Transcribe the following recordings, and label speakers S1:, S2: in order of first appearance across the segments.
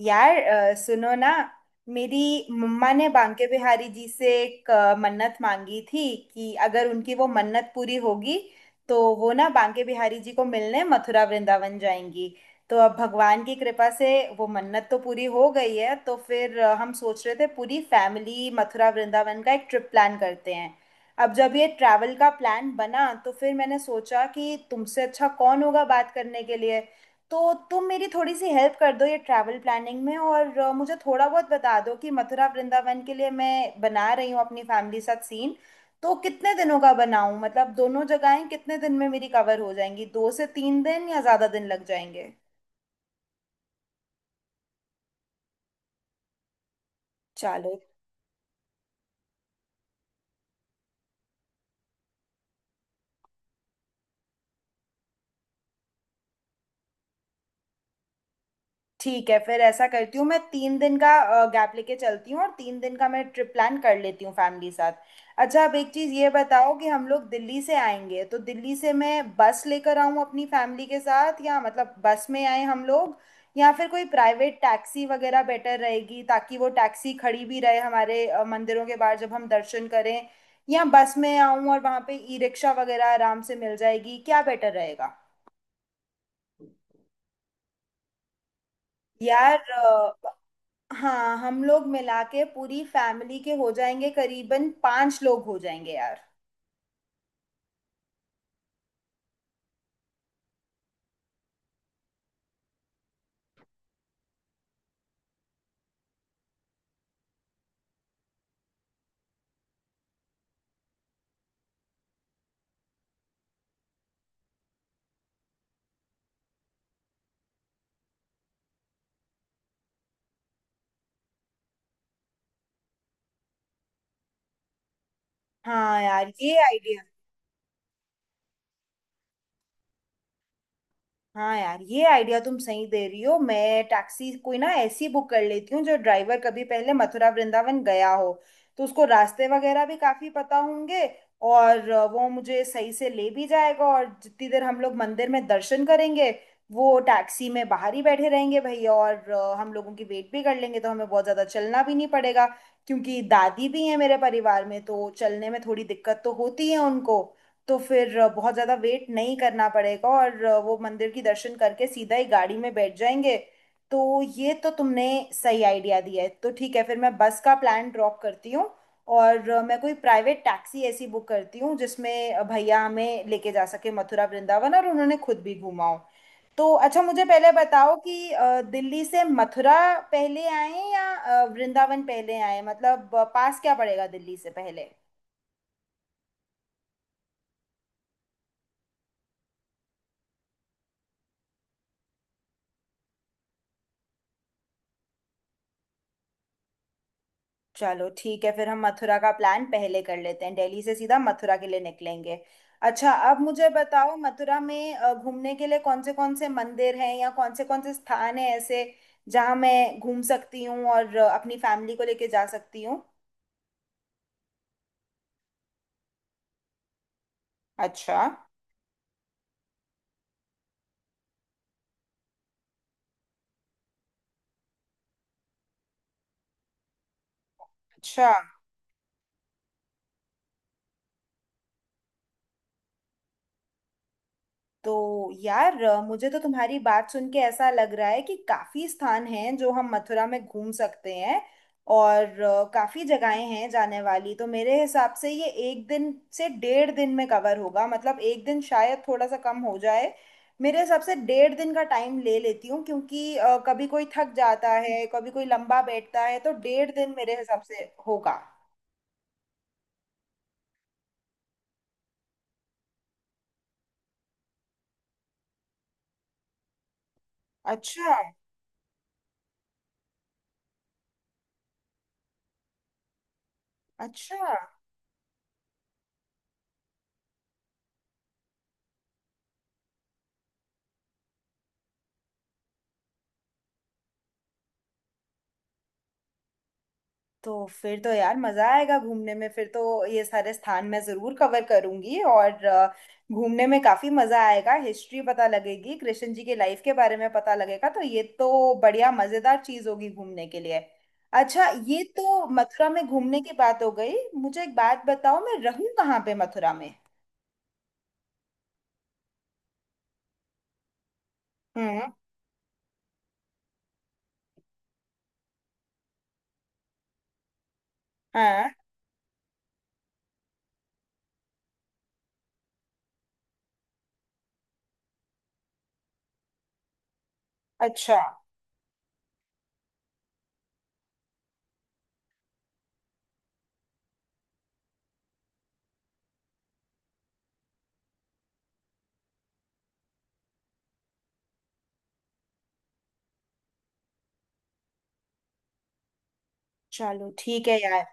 S1: यार सुनो ना। मेरी मम्मा ने बांके बिहारी जी से एक मन्नत मांगी थी कि अगर उनकी वो मन्नत पूरी होगी तो वो ना बांके बिहारी जी को मिलने मथुरा वृंदावन जाएंगी। तो अब भगवान की कृपा से वो मन्नत तो पूरी हो गई है, तो फिर हम सोच रहे थे पूरी फैमिली मथुरा वृंदावन का एक ट्रिप प्लान करते हैं। अब जब ये ट्रैवल का प्लान बना तो फिर मैंने सोचा कि तुमसे अच्छा कौन होगा बात करने के लिए। तो तुम मेरी थोड़ी सी हेल्प कर दो ये ट्रैवल प्लानिंग में, और मुझे थोड़ा बहुत बता दो कि मथुरा वृंदावन के लिए मैं बना रही हूँ अपनी फैमिली साथ सीन। तो कितने दिनों का बनाऊं, मतलब दोनों जगहें कितने दिन में मेरी कवर हो जाएंगी? दो से तीन दिन या ज़्यादा दिन लग जाएंगे? चलो, ठीक है, फिर ऐसा करती हूँ, मैं तीन दिन का गैप लेके चलती हूँ और तीन दिन का मैं ट्रिप प्लान कर लेती हूँ फैमिली साथ। अच्छा, अब एक चीज़ ये बताओ कि हम लोग दिल्ली से आएंगे, तो दिल्ली से मैं बस लेकर आऊँ अपनी फैमिली के साथ, या मतलब बस में आए हम लोग, या फिर कोई प्राइवेट टैक्सी वगैरह बेटर रहेगी ताकि वो टैक्सी खड़ी भी रहे हमारे मंदिरों के बाहर जब हम दर्शन करें? या बस में आऊँ और वहाँ पे ई रिक्शा वगैरह आराम से मिल जाएगी? क्या बेटर रहेगा? यार, हाँ, हम लोग मिला के पूरी फैमिली के हो जाएंगे करीबन 5 लोग हो जाएंगे यार। हाँ यार, ये आइडिया। हाँ यार, ये आइडिया तुम सही दे रही हो। मैं टैक्सी कोई ना ऐसी बुक कर लेती हूँ जो ड्राइवर कभी पहले मथुरा वृंदावन गया हो, तो उसको रास्ते वगैरह भी काफी पता होंगे और वो मुझे सही से ले भी जाएगा। और जितनी देर हम लोग मंदिर में दर्शन करेंगे, वो टैक्सी में बाहर ही बैठे रहेंगे भैया और हम लोगों की वेट भी कर लेंगे, तो हमें बहुत ज्यादा चलना भी नहीं पड़ेगा क्योंकि दादी भी है मेरे परिवार में, तो चलने में थोड़ी दिक्कत तो होती है उनको। तो फिर बहुत ज्यादा वेट नहीं करना पड़ेगा और वो मंदिर की दर्शन करके सीधा ही गाड़ी में बैठ जाएंगे। तो ये तो तुमने सही आइडिया दिया है। तो ठीक है, फिर मैं बस का प्लान ड्रॉप करती हूँ और मैं कोई प्राइवेट टैक्सी ऐसी बुक करती हूँ जिसमें भैया हमें लेके जा सके मथुरा वृंदावन, और उन्होंने खुद भी घूमा हो। तो अच्छा, मुझे पहले बताओ कि दिल्ली से मथुरा पहले आए या वृंदावन पहले आए? मतलब पास क्या पड़ेगा दिल्ली से पहले? चलो ठीक है, फिर हम मथुरा का प्लान पहले कर लेते हैं, दिल्ली से सीधा मथुरा के लिए निकलेंगे। अच्छा, अब मुझे बताओ मथुरा में घूमने के लिए कौन से मंदिर हैं या कौन से स्थान हैं ऐसे जहां मैं घूम सकती हूँ और अपनी फैमिली को लेके जा सकती हूँ? अच्छा। अच्छा। तो यार, मुझे तो तुम्हारी बात सुन के ऐसा लग रहा है कि काफी स्थान हैं जो हम मथुरा में घूम सकते हैं और काफी जगहें हैं जाने वाली। तो मेरे हिसाब से ये एक दिन से डेढ़ दिन में कवर होगा, मतलब एक दिन शायद थोड़ा सा कम हो जाए। मेरे हिसाब से डेढ़ दिन का टाइम ले लेती हूँ क्योंकि कभी कोई थक जाता है कभी कोई लंबा बैठता है, तो डेढ़ दिन मेरे हिसाब से होगा। अच्छा। अच्छा। तो फिर तो यार मजा आएगा घूमने में, फिर तो ये सारे स्थान मैं जरूर कवर करूंगी और घूमने में काफी मजा आएगा, हिस्ट्री पता लगेगी, कृष्ण जी की लाइफ के बारे में पता लगेगा, तो ये तो बढ़िया मजेदार चीज होगी घूमने के लिए। अच्छा, ये तो मथुरा में घूमने की बात हो गई। मुझे एक बात बताओ, मैं रहूं कहाँ पे मथुरा में? हम्म। हाँ। अच्छा। चलो ठीक है यार।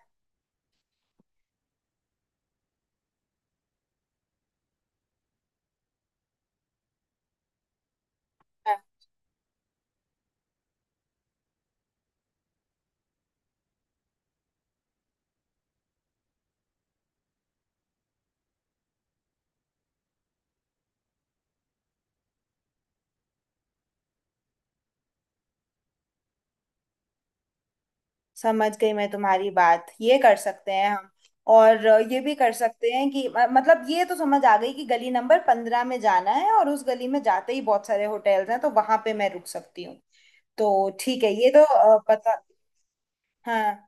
S1: समझ गई मैं तुम्हारी बात, ये कर सकते हैं हम और ये भी कर सकते हैं कि मतलब, ये तो समझ आ गई कि गली नंबर 15 में जाना है और उस गली में जाते ही बहुत सारे होटल्स हैं, तो वहां पे मैं रुक सकती हूँ। तो ठीक है, ये तो पता। हाँ।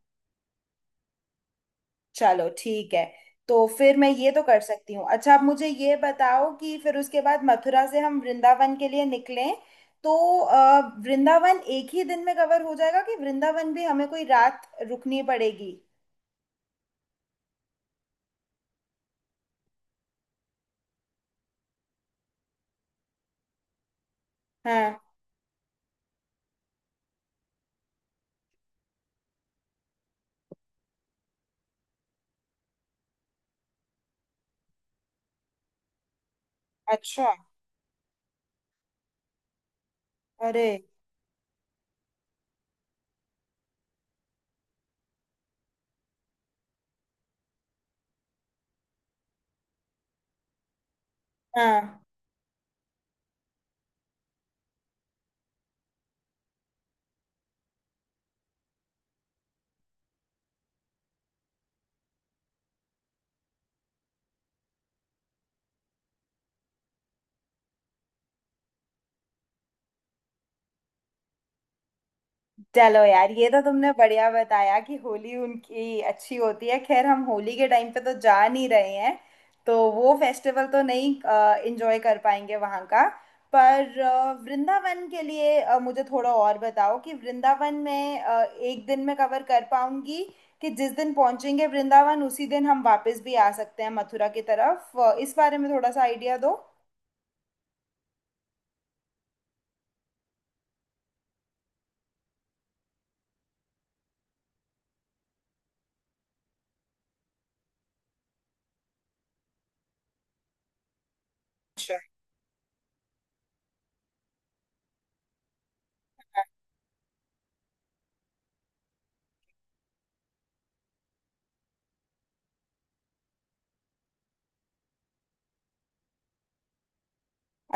S1: चलो ठीक है, तो फिर मैं ये तो कर सकती हूँ। अच्छा, आप मुझे ये बताओ कि फिर उसके बाद मथुरा से हम वृंदावन के लिए निकलें, तो वृंदावन एक ही दिन में कवर हो जाएगा कि वृंदावन भी हमें कोई रात रुकनी पड़ेगी? हाँ। अच्छा। अरे। हाँ। चलो यार, ये तो तुमने बढ़िया बताया कि होली उनकी अच्छी होती है। खैर हम होली के टाइम पे तो जा नहीं रहे हैं, तो वो फेस्टिवल तो नहीं एंजॉय कर पाएंगे वहाँ का। पर वृंदावन के लिए मुझे थोड़ा और बताओ कि वृंदावन में एक दिन में कवर कर पाऊंगी कि जिस दिन पहुंचेंगे वृंदावन उसी दिन हम वापस भी आ सकते हैं मथुरा की तरफ? इस बारे में थोड़ा सा आइडिया दो।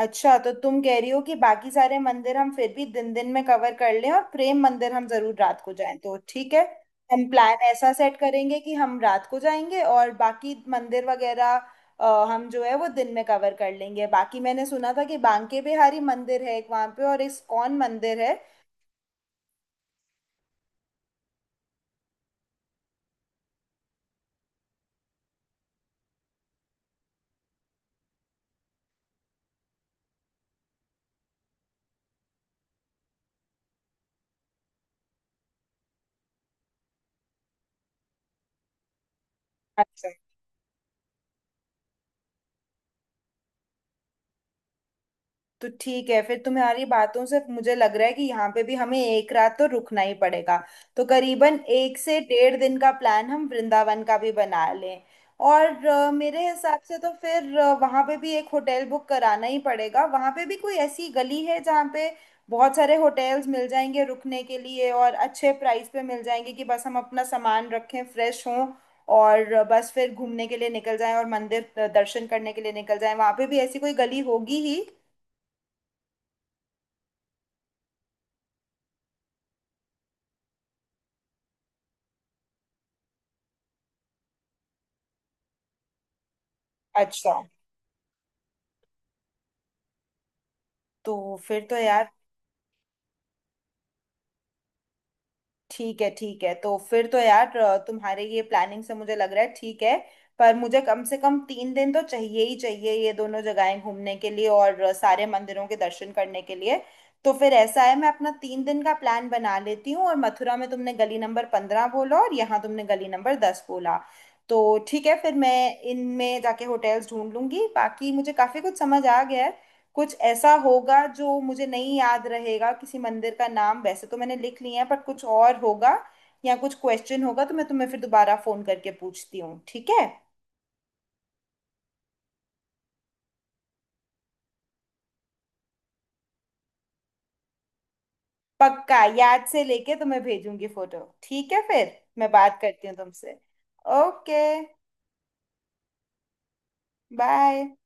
S1: अच्छा, तो तुम कह रही हो कि बाकी सारे मंदिर हम फिर भी दिन दिन में कवर कर लें और प्रेम मंदिर हम जरूर रात को जाएं? तो ठीक है, हम प्लान ऐसा सेट करेंगे कि हम रात को जाएंगे और बाकी मंदिर वगैरह हम जो है वो दिन में कवर कर लेंगे। बाकी मैंने सुना था कि बांके बिहारी मंदिर है एक वहां पे और इस्कॉन मंदिर है। अच्छा। तो ठीक है, फिर तुम्हारी बातों से मुझे लग रहा है कि यहाँ पे भी हमें एक रात तो रुकना ही पड़ेगा, तो करीबन एक से डेढ़ दिन का प्लान हम वृंदावन का भी बना लें। और मेरे हिसाब से तो फिर वहाँ पे भी एक होटल बुक कराना ही पड़ेगा। वहाँ पे भी कोई ऐसी गली है जहाँ पे बहुत सारे होटल्स मिल जाएंगे रुकने के लिए और अच्छे प्राइस पे मिल जाएंगे, कि बस हम अपना सामान रखें, फ्रेश हों और बस फिर घूमने के लिए निकल जाएं और मंदिर दर्शन करने के लिए निकल जाएं? वहाँ पे भी ऐसी कोई गली होगी ही। अच्छा, तो फिर तो यार, ठीक है ठीक है, तो फिर तो यार तुम्हारे ये प्लानिंग से मुझे लग रहा है ठीक है। पर मुझे कम से कम तीन दिन तो चाहिए ही चाहिए ये दोनों जगहें घूमने के लिए और सारे मंदिरों के दर्शन करने के लिए। तो फिर ऐसा है, मैं अपना 3 दिन का प्लान बना लेती हूँ, और मथुरा में तुमने गली नंबर 15 बोला और यहाँ तुमने गली नंबर 10 बोला, तो ठीक है, फिर मैं इनमें जाके होटल्स ढूंढ लूंगी, बाकी मुझे काफ़ी कुछ समझ आ गया है। कुछ ऐसा होगा जो मुझे नहीं याद रहेगा किसी मंदिर का नाम, वैसे तो मैंने लिख लिया है, पर कुछ और होगा या कुछ क्वेश्चन होगा तो मैं तुम्हें फिर दोबारा फोन करके पूछती हूँ, ठीक है? पक्का याद से लेके तुम्हें भेजूंगी फोटो, ठीक है? फिर मैं बात करती हूँ तुमसे। Okay, bye.